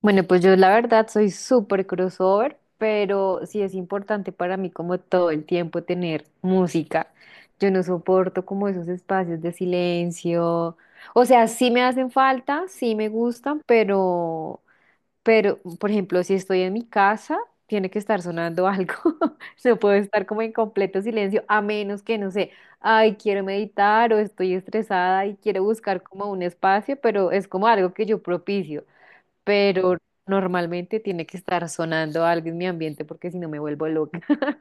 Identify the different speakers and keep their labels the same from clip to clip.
Speaker 1: Bueno, pues yo la verdad soy súper crossover, pero sí es importante para mí como todo el tiempo tener música. Yo no soporto como esos espacios de silencio. O sea, sí me hacen falta, sí me gustan, pero, por ejemplo, si estoy en mi casa, tiene que estar sonando algo. No puedo estar como en completo silencio, a menos que, no sé, ay, quiero meditar o estoy estresada y quiero buscar como un espacio, pero es como algo que yo propicio pero normalmente tiene que estar sonando algo en mi ambiente porque si no me vuelvo loca.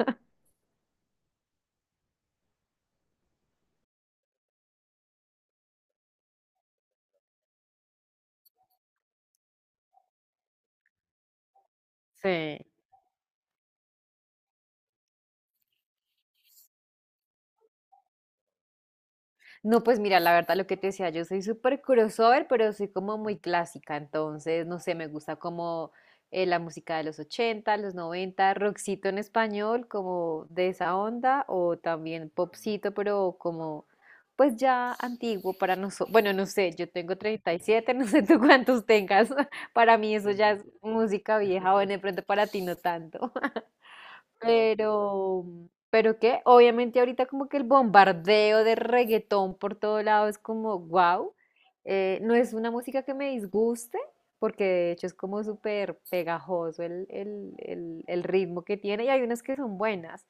Speaker 1: Sí. No, pues mira, la verdad lo que te decía, yo soy súper crossover, pero soy como muy clásica, entonces, no sé, me gusta como la música de los 80, los 90, rockcito en español, como de esa onda, o también popcito, pero como, pues ya antiguo para nosotros. Bueno, no sé, yo tengo 37 no sé tú cuántos tengas, para mí eso ya es música vieja, o de pronto para ti no tanto. Pero, pero qué, obviamente ahorita como que el bombardeo de reggaetón por todo lado es como wow. No es una música que me disguste, porque de hecho es como súper pegajoso el ritmo que tiene y hay unas que son buenas,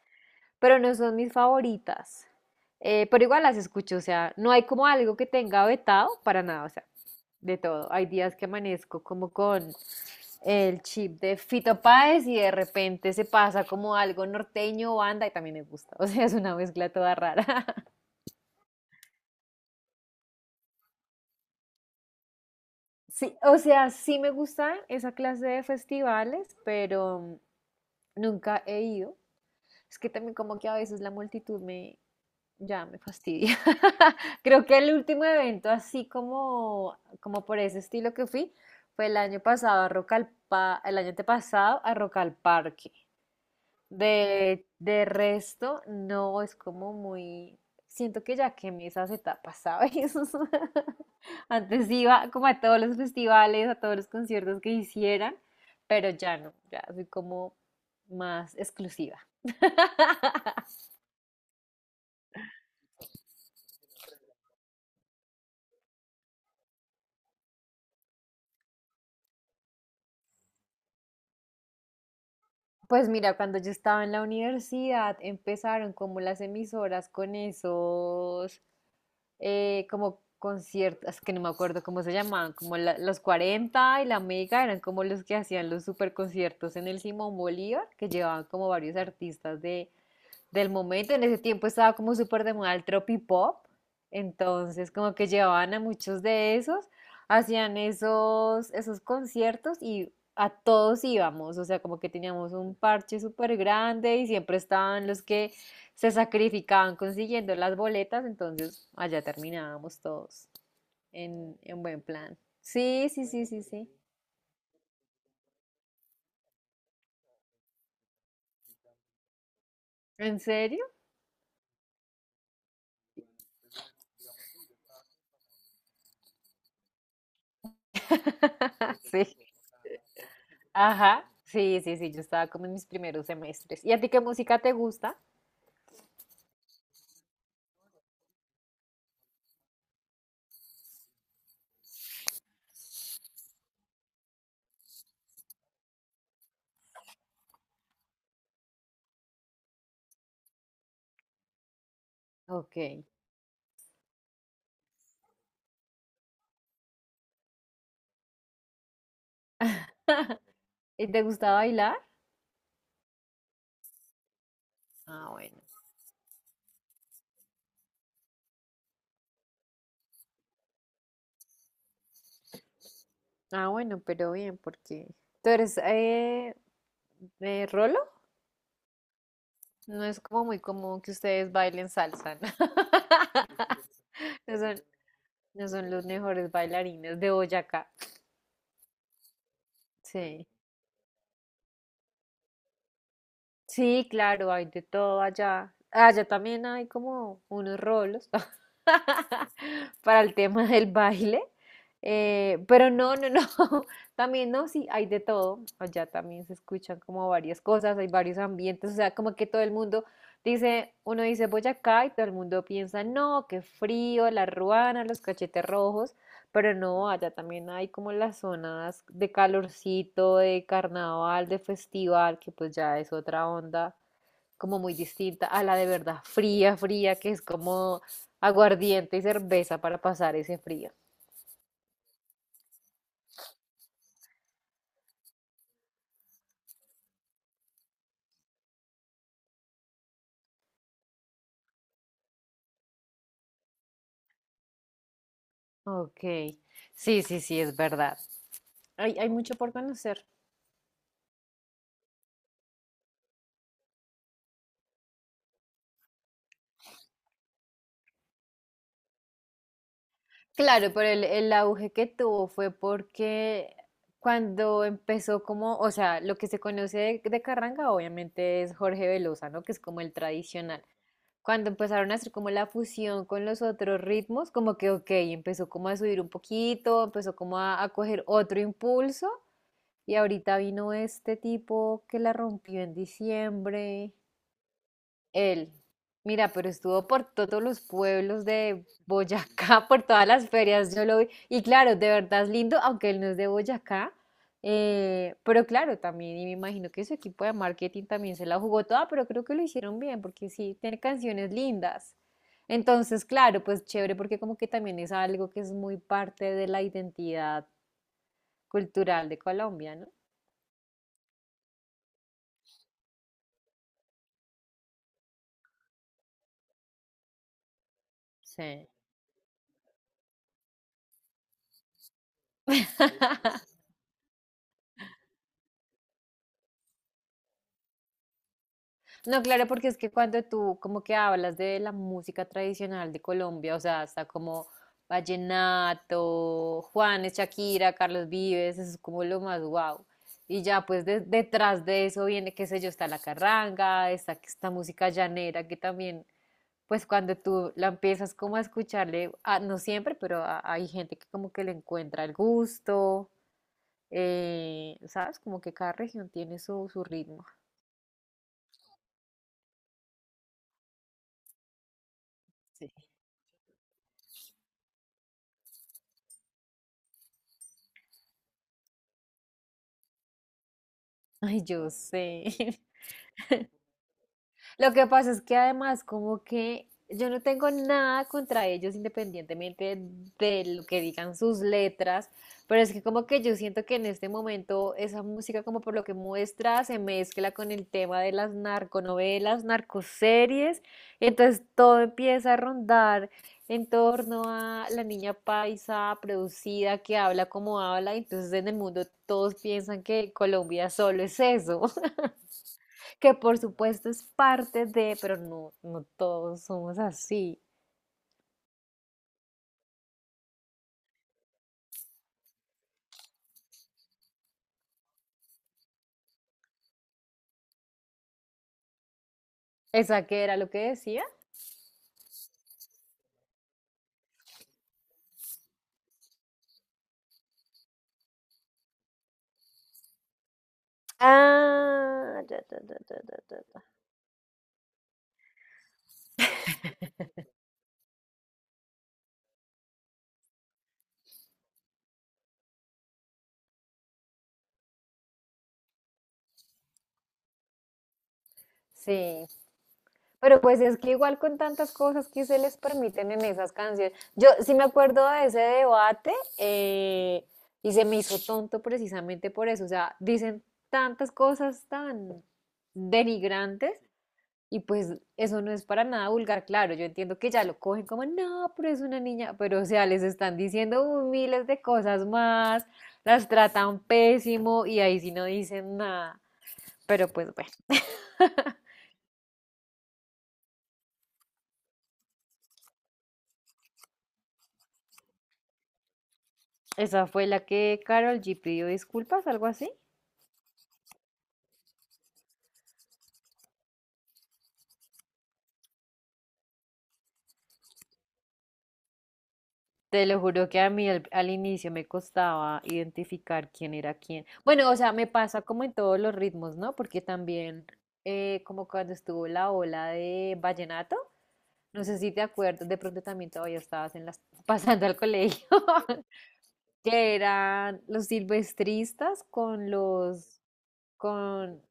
Speaker 1: pero no son mis favoritas. Pero igual las escucho, o sea, no hay como algo que tenga vetado para nada, o sea, de todo. Hay días que amanezco como con el chip de Fito Páez y de repente se pasa como algo norteño o banda y también me gusta, o sea, es una mezcla toda rara. Sí, o sea, sí me gusta esa clase de festivales, pero nunca he ido. Es que también como que a veces la multitud ya me fastidia. Creo que el último evento así como por ese estilo que fui fue el año antepasado a Rock al Parque. De resto, no es como muy, siento que ya quemé esas etapas, ¿sabes? Antes iba como a todos los festivales, a todos los conciertos que hicieran, pero ya no, ya soy como más exclusiva. Pues mira, cuando yo estaba en la universidad empezaron como las emisoras con esos, como conciertos, es que no me acuerdo cómo se llamaban, como los 40 y la Mega, eran como los que hacían los super conciertos en el Simón Bolívar, que llevaban como varios artistas del momento. En ese tiempo estaba como súper de moda el tropipop, entonces como que llevaban a muchos de esos, hacían esos conciertos y a todos íbamos, o sea, como que teníamos un parche súper grande y siempre estaban los que se sacrificaban consiguiendo las boletas, entonces allá terminábamos todos en buen plan. Sí, sí, sí, sí, sí. ¿En serio? Sí. Ajá. Sí, sí, sí, yo estaba como en mis primeros semestres. ¿Y a ti qué música te gusta? Ok. ¿Y te gusta bailar? Ah, bueno. Ah, bueno, pero bien, porque tú eres Rolo. No es como muy común que ustedes bailen salsa, ¿no? No son, no son los mejores bailarines de Boyacá. Sí. Sí, claro, hay de todo allá. Ah, allá también hay como unos rolos para el tema del baile. Pero no, no, no. También no, sí, hay de todo. Allá también se escuchan como varias cosas, hay varios ambientes. O sea, como que todo el mundo dice, uno dice Boyacá y todo el mundo piensa, no, qué frío, la ruana, los cachetes rojos. Pero no, allá también hay como las zonas de calorcito, de carnaval, de festival, que pues ya es otra onda, como muy distinta a la de verdad fría, fría, que es como aguardiente y cerveza para pasar ese frío. Ok, sí, sí, sí, es verdad. Hay mucho por conocer. Claro, pero el auge que tuvo fue porque cuando empezó como, o sea, lo que se conoce de Carranga obviamente es Jorge Velosa, ¿no? Que es como el tradicional. Cuando empezaron a hacer como la fusión con los otros ritmos, como que, ok, empezó como a subir un poquito, empezó como a coger otro impulso y ahorita vino este tipo que la rompió en diciembre. Él, mira, pero estuvo por todos los pueblos de Boyacá, por todas las ferias, yo lo vi. Y claro, de verdad es lindo, aunque él no es de Boyacá. Pero claro, también, y me imagino que su equipo de marketing también se la jugó toda, pero creo que lo hicieron bien, porque sí, tiene canciones lindas. Entonces, claro, pues chévere, porque como que también es algo que es muy parte de la identidad cultural de Colombia, ¿no? Sí. No, claro, porque es que cuando tú como que hablas de la música tradicional de Colombia, o sea, hasta como vallenato, Juanes, Shakira, Carlos Vives, eso es como lo más guau. Y ya pues detrás de eso viene, qué sé yo, está la carranga, está esta música llanera que también, pues cuando tú la empiezas como a escucharle, ah, no siempre, pero hay gente que como que le encuentra el gusto, ¿sabes? Como que cada región tiene su ritmo. Sí. Ay, yo sé. Lo que pasa es que además como que yo no tengo nada contra ellos independientemente de lo que digan sus letras, pero es que como que yo siento que en este momento esa música como por lo que muestra se mezcla con el tema de las narconovelas, narcoseries, y entonces todo empieza a rondar en torno a la niña paisa producida que habla como habla, y entonces en el mundo todos piensan que Colombia solo es eso que por supuesto es parte de, pero no, no todos somos así. ¿Esa qué era lo que decía? Ah, ya, ya, ya, ya, ya, ya, ya. Sí, pero pues es que igual con tantas cosas que se les permiten en esas canciones. Yo sí me acuerdo de ese debate eh, y se me hizo tonto precisamente por eso. O sea, dicen tantas cosas tan denigrantes. Y pues eso no es para nada vulgar, claro, yo entiendo que ya lo cogen como, no, pero es una niña, pero o sea, les están diciendo miles de cosas más, las tratan pésimo y ahí sí no dicen nada. Pero pues bueno, esa fue la que Carol G pidió disculpas, algo así. Te lo juro que a mí al inicio me costaba identificar quién era quién. Bueno, o sea, me pasa como en todos los ritmos, ¿no? Porque también, como cuando estuvo la ola de vallenato. No sé si te acuerdas, de pronto también todavía estabas en las, pasando al colegio, que eran los silvestristas con los, con,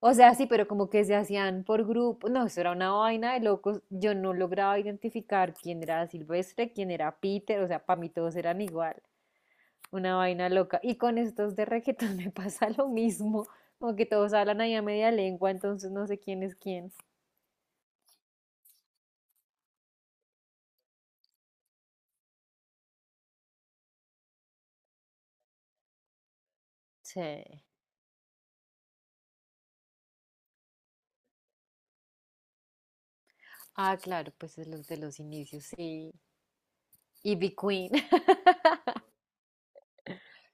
Speaker 1: o sea, sí, pero como que se hacían por grupo, no, eso era una vaina de locos, yo no lograba identificar quién era Silvestre, quién era Peter, o sea, para mí todos eran igual, una vaina loca. Y con estos de reggaetón me pasa lo mismo, como que todos hablan ahí a media lengua, entonces no sé quién es quién. Sí. Ah, claro, pues es los de los inicios, sí. Y Big Queen.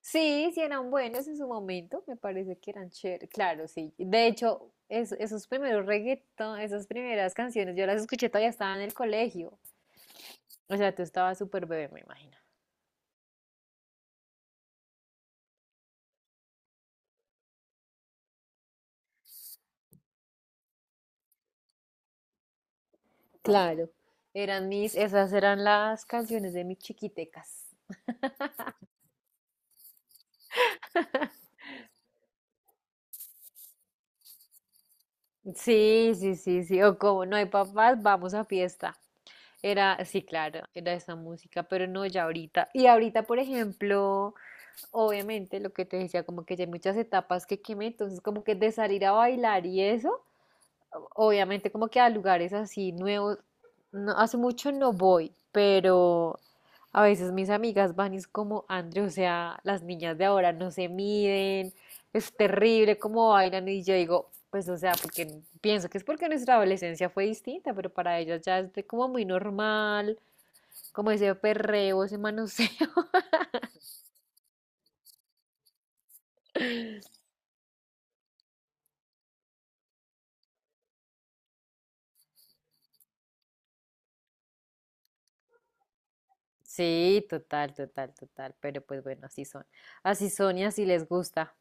Speaker 1: Sí, sí eran buenos en su momento, me parece que eran chéveres. Claro, sí. De hecho, esos primeros reggaetón, esas primeras canciones, yo las escuché todavía estaba en el colegio. O sea, tú estabas súper bebé, me imagino. Claro. Esas eran las canciones de mis chiquitecas. Sí, sí, sí, sí. O como no hay papás, vamos a fiesta. Era, sí, claro, era esa música, pero no ya ahorita. Y ahorita, por ejemplo, obviamente, lo que te decía, como que ya hay muchas etapas que quemé, entonces como que de salir a bailar y eso, obviamente como que a lugares así nuevos, no, hace mucho no voy, pero a veces mis amigas van y es como, Andrew, o sea, las niñas de ahora no se miden, es terrible cómo bailan y yo digo, pues o sea, porque pienso que es porque nuestra adolescencia fue distinta, pero para ellas ya es de como muy normal, como ese perreo, ese manoseo. Sí, total, total, total. Pero pues bueno, así son. Así son y así les gusta.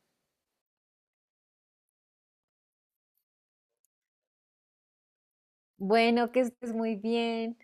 Speaker 1: Bueno, que estés muy bien.